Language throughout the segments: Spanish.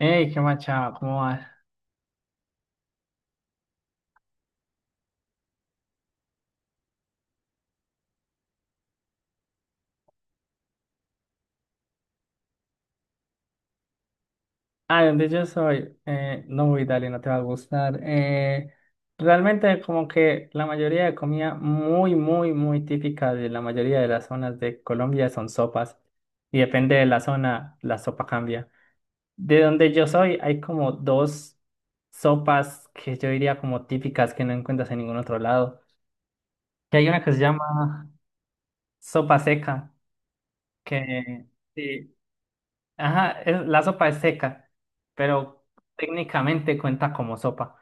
Hey, qué machado, ¿cómo vas? Ah, ¿de dónde yo soy? No, dale, no te va a gustar. Realmente como que la mayoría de comida muy, muy, muy típica de la mayoría de las zonas de Colombia son sopas. Y depende de la zona, la sopa cambia. De donde yo soy hay como dos sopas que yo diría como típicas que no encuentras en ningún otro lado. Que hay una que se llama sopa seca, que... sí, ajá, la sopa es seca, pero técnicamente cuenta como sopa.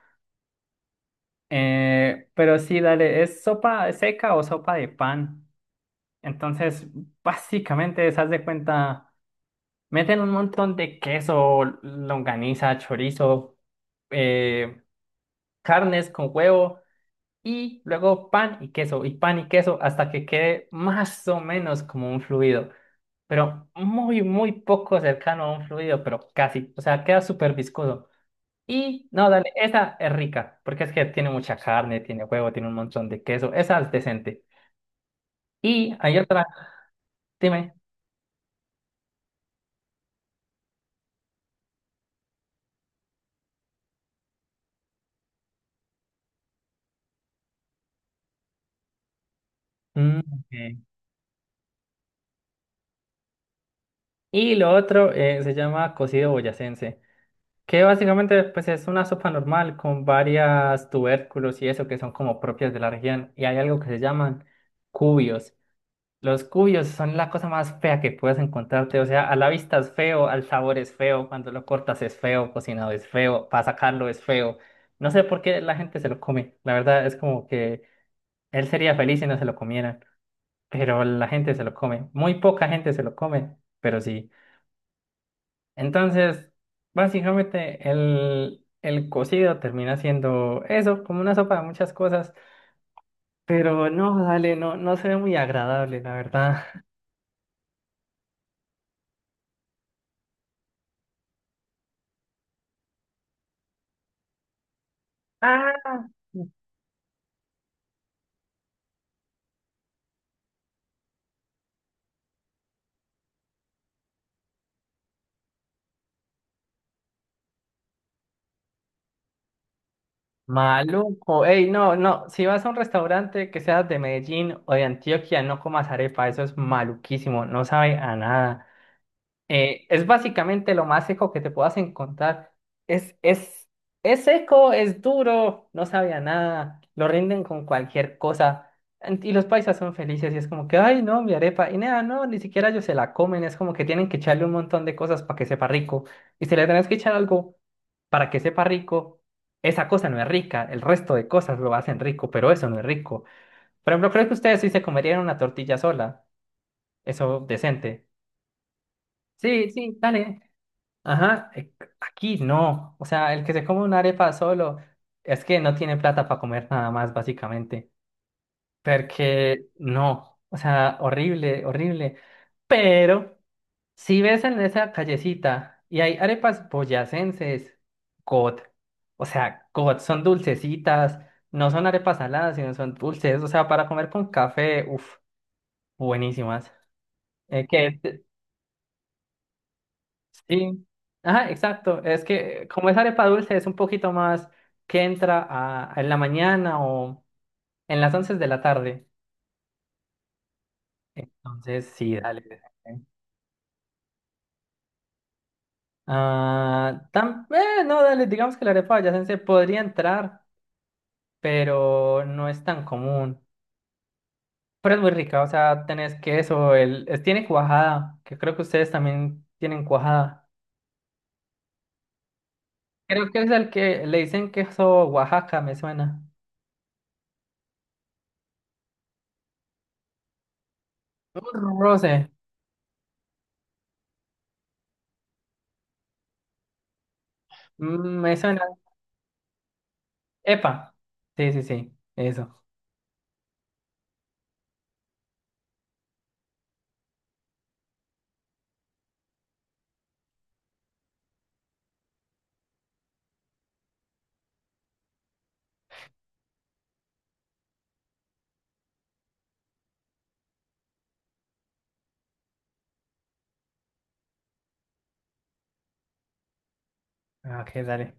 Pero sí, dale, ¿es sopa seca o sopa de pan? Entonces, básicamente, se haz de cuenta, meten un montón de queso, longaniza, chorizo, eh, carnes con huevo y luego pan y queso, y pan y queso hasta que quede más o menos como un fluido, pero muy, muy poco cercano a un fluido, pero casi, o sea, queda súper viscoso. Y no, dale, esa es rica, porque es que tiene mucha carne, tiene huevo, tiene un montón de queso, esa es decente. Y hay otra, dime. Mm, ok. Y lo otro se llama cocido boyacense, que básicamente pues es una sopa normal con varias tubérculos y eso que son como propias de la región. Y hay algo que se llaman cubios. Los cuyos son la cosa más fea que puedes encontrarte. O sea, a la vista es feo, al sabor es feo, cuando lo cortas es feo, cocinado es feo, para sacarlo es feo. No sé por qué la gente se lo come. La verdad es como que él sería feliz si no se lo comieran, pero la gente se lo come. Muy poca gente se lo come, pero sí. Entonces, básicamente el cocido termina siendo eso, como una sopa de muchas cosas. Pero no, dale, no, no se ve muy agradable, la verdad. Maluco, ey, no, no, si vas a un restaurante que seas de Medellín o de Antioquia, no comas arepa, eso es maluquísimo, no sabe a nada. Es básicamente lo más seco que te puedas encontrar. Es, es, es seco, es duro, no sabe a nada, lo rinden con cualquier cosa. Y los paisas son felices y es como que, ay, no, mi arepa. Y nada, no, ni siquiera ellos se la comen, es como que tienen que echarle un montón de cosas para que sepa rico. Y si le tenés que echar algo para que sepa rico, esa cosa no es rica, el resto de cosas lo hacen rico, pero eso no es rico. Por ejemplo, creo que ustedes sí se comerían una tortilla sola, eso decente. Sí, sí, dale. Ajá, aquí no. O sea, el que se come una arepa solo es que no tiene plata para comer nada más, básicamente. Porque no. O sea, horrible, horrible. Pero si ves en esa callecita y hay arepas boyacenses, God. O sea, God, son dulcecitas. No son arepas saladas, sino son dulces. O sea, para comer con café, uff, buenísimas. ¿Qué? Sí, ajá, exacto. Es que como es arepa dulce, es un poquito más que entra en la mañana o en las 11 de la tarde. Entonces, sí, dale. Dale. Ah, no, dale, digamos que la arepa boyacense podría entrar, pero no es tan común. Pero es muy rica, o sea, tenés queso, tiene cuajada, que creo que ustedes también tienen cuajada. Creo que es el que le dicen queso Oaxaca, me suena. Un roce. Me suena. Epa. Sí, sí, sí. Eso. Ah, ok, dale.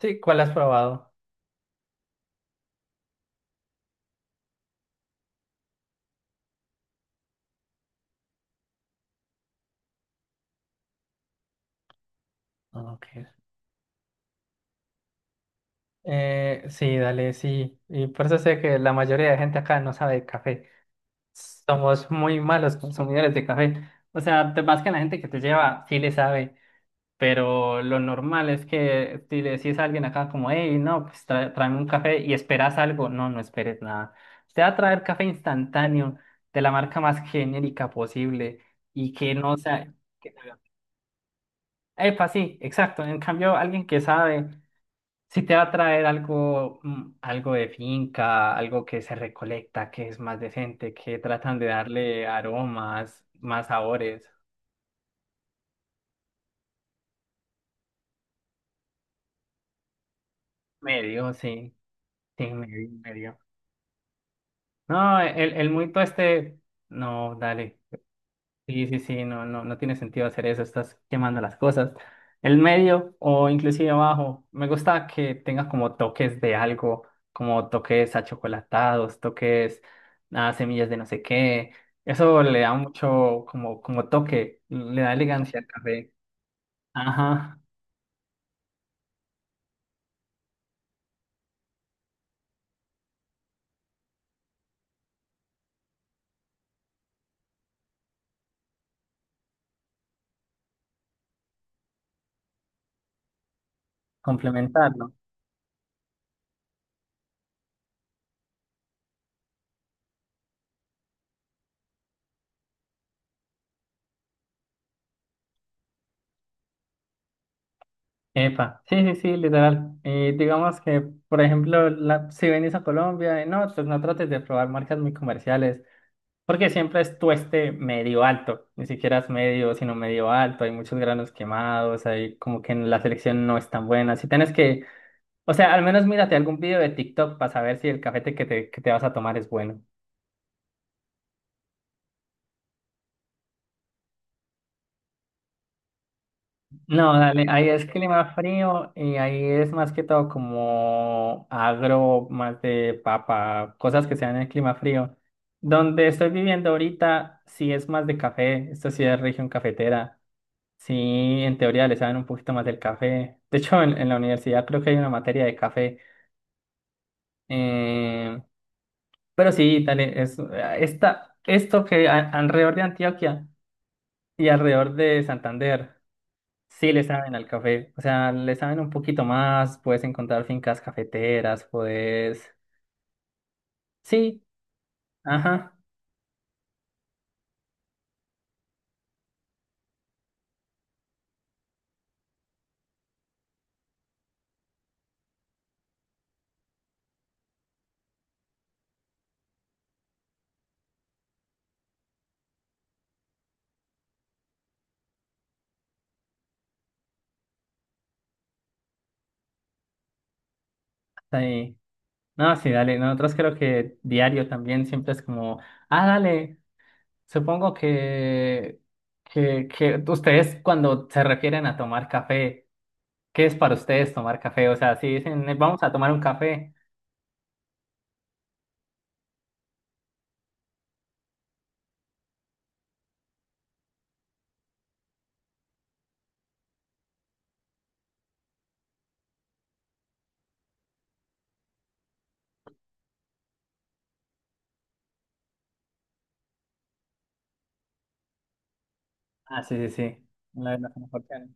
Sí, ¿cuál has probado? Ah, ok. Sí, dale, sí. Y por eso sé que la mayoría de gente acá no sabe de café. Somos muy malos consumidores de café. O sea, más que la gente que te lleva, sí le sabe. Pero lo normal es que si le decís a alguien acá como, hey, no, pues tráeme un café y esperas algo. No, no esperes nada. Te va a traer café instantáneo de la marca más genérica posible y que no sea... Epa, sí, exacto. En cambio, alguien que sabe, si te va a traer algo, algo de finca, algo que se recolecta, que es más decente, que tratan de darle aromas, más sabores. Medio, sí, sí, medio, medio. No, el muito este, no, dale. Sí, sí, sí, no, no, no tiene sentido hacer eso, estás quemando las cosas. El medio o inclusive abajo, me gusta que tenga como toques de algo, como toques achocolatados, toques a semillas de no sé qué. Eso le da mucho como, toque, le da elegancia al café. Ajá, complementarlo. Epa, sí, sí, sí, literal. Y digamos que, por ejemplo, si venís a Colombia, no, pues no trates de probar marcas muy comerciales. Porque siempre es tueste medio alto, ni siquiera es medio, sino medio alto, hay muchos granos quemados, hay como que en la selección no es tan buena. Si tienes que, o sea, al menos mírate algún video de TikTok para saber si el cafete que te vas a tomar es bueno. No, dale, ahí es clima frío y ahí es más que todo como agro, más de papa, cosas que sean en el clima frío. Donde estoy viviendo ahorita, sí es más de café, esta sí es región cafetera. Sí, en teoría le saben un poquito más del café. De hecho, en la universidad creo que hay una materia de café. Eh, pero sí, dale, es, esta, esto que a- alrededor de Antioquia y alrededor de Santander, sí le saben al café. O sea, le saben un poquito más, puedes encontrar fincas cafeteras, puedes... Sí, ajá, hasta ahí. No, sí, dale, nosotros creo que diario también siempre es como, ah, dale. Supongo que ustedes cuando se refieren a tomar café, ¿qué es para ustedes tomar café? O sea, si dicen, vamos a tomar un café". Ah, sí, sí, sí. La de la cafetería.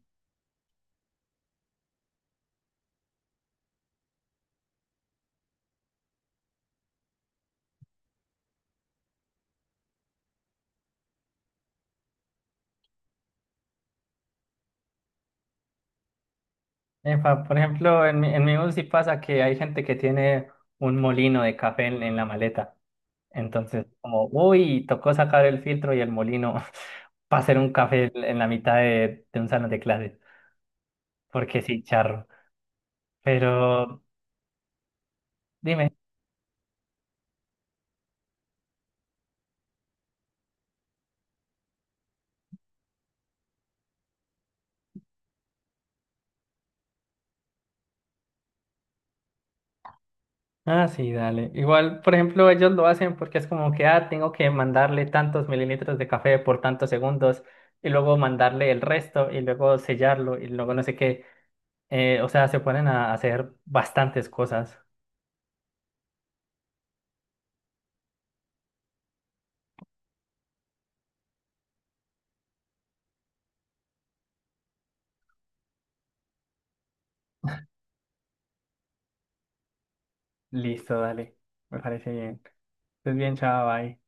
Epa, por ejemplo, en mi bus sí pasa que hay gente que tiene un molino de café en la maleta. Entonces, como, uy, tocó sacar el filtro y el molino para hacer un café en la mitad de un salón de clases. Porque sí, charro. Pero dime. Ah, sí, dale. Igual, por ejemplo, ellos lo hacen porque es como que, ah, tengo que mandarle tantos mililitros de café por tantos segundos y luego mandarle el resto y luego sellarlo y luego no sé qué. O sea, se ponen a hacer bastantes cosas. Listo, dale. Me parece bien. Estés bien, chao, bye.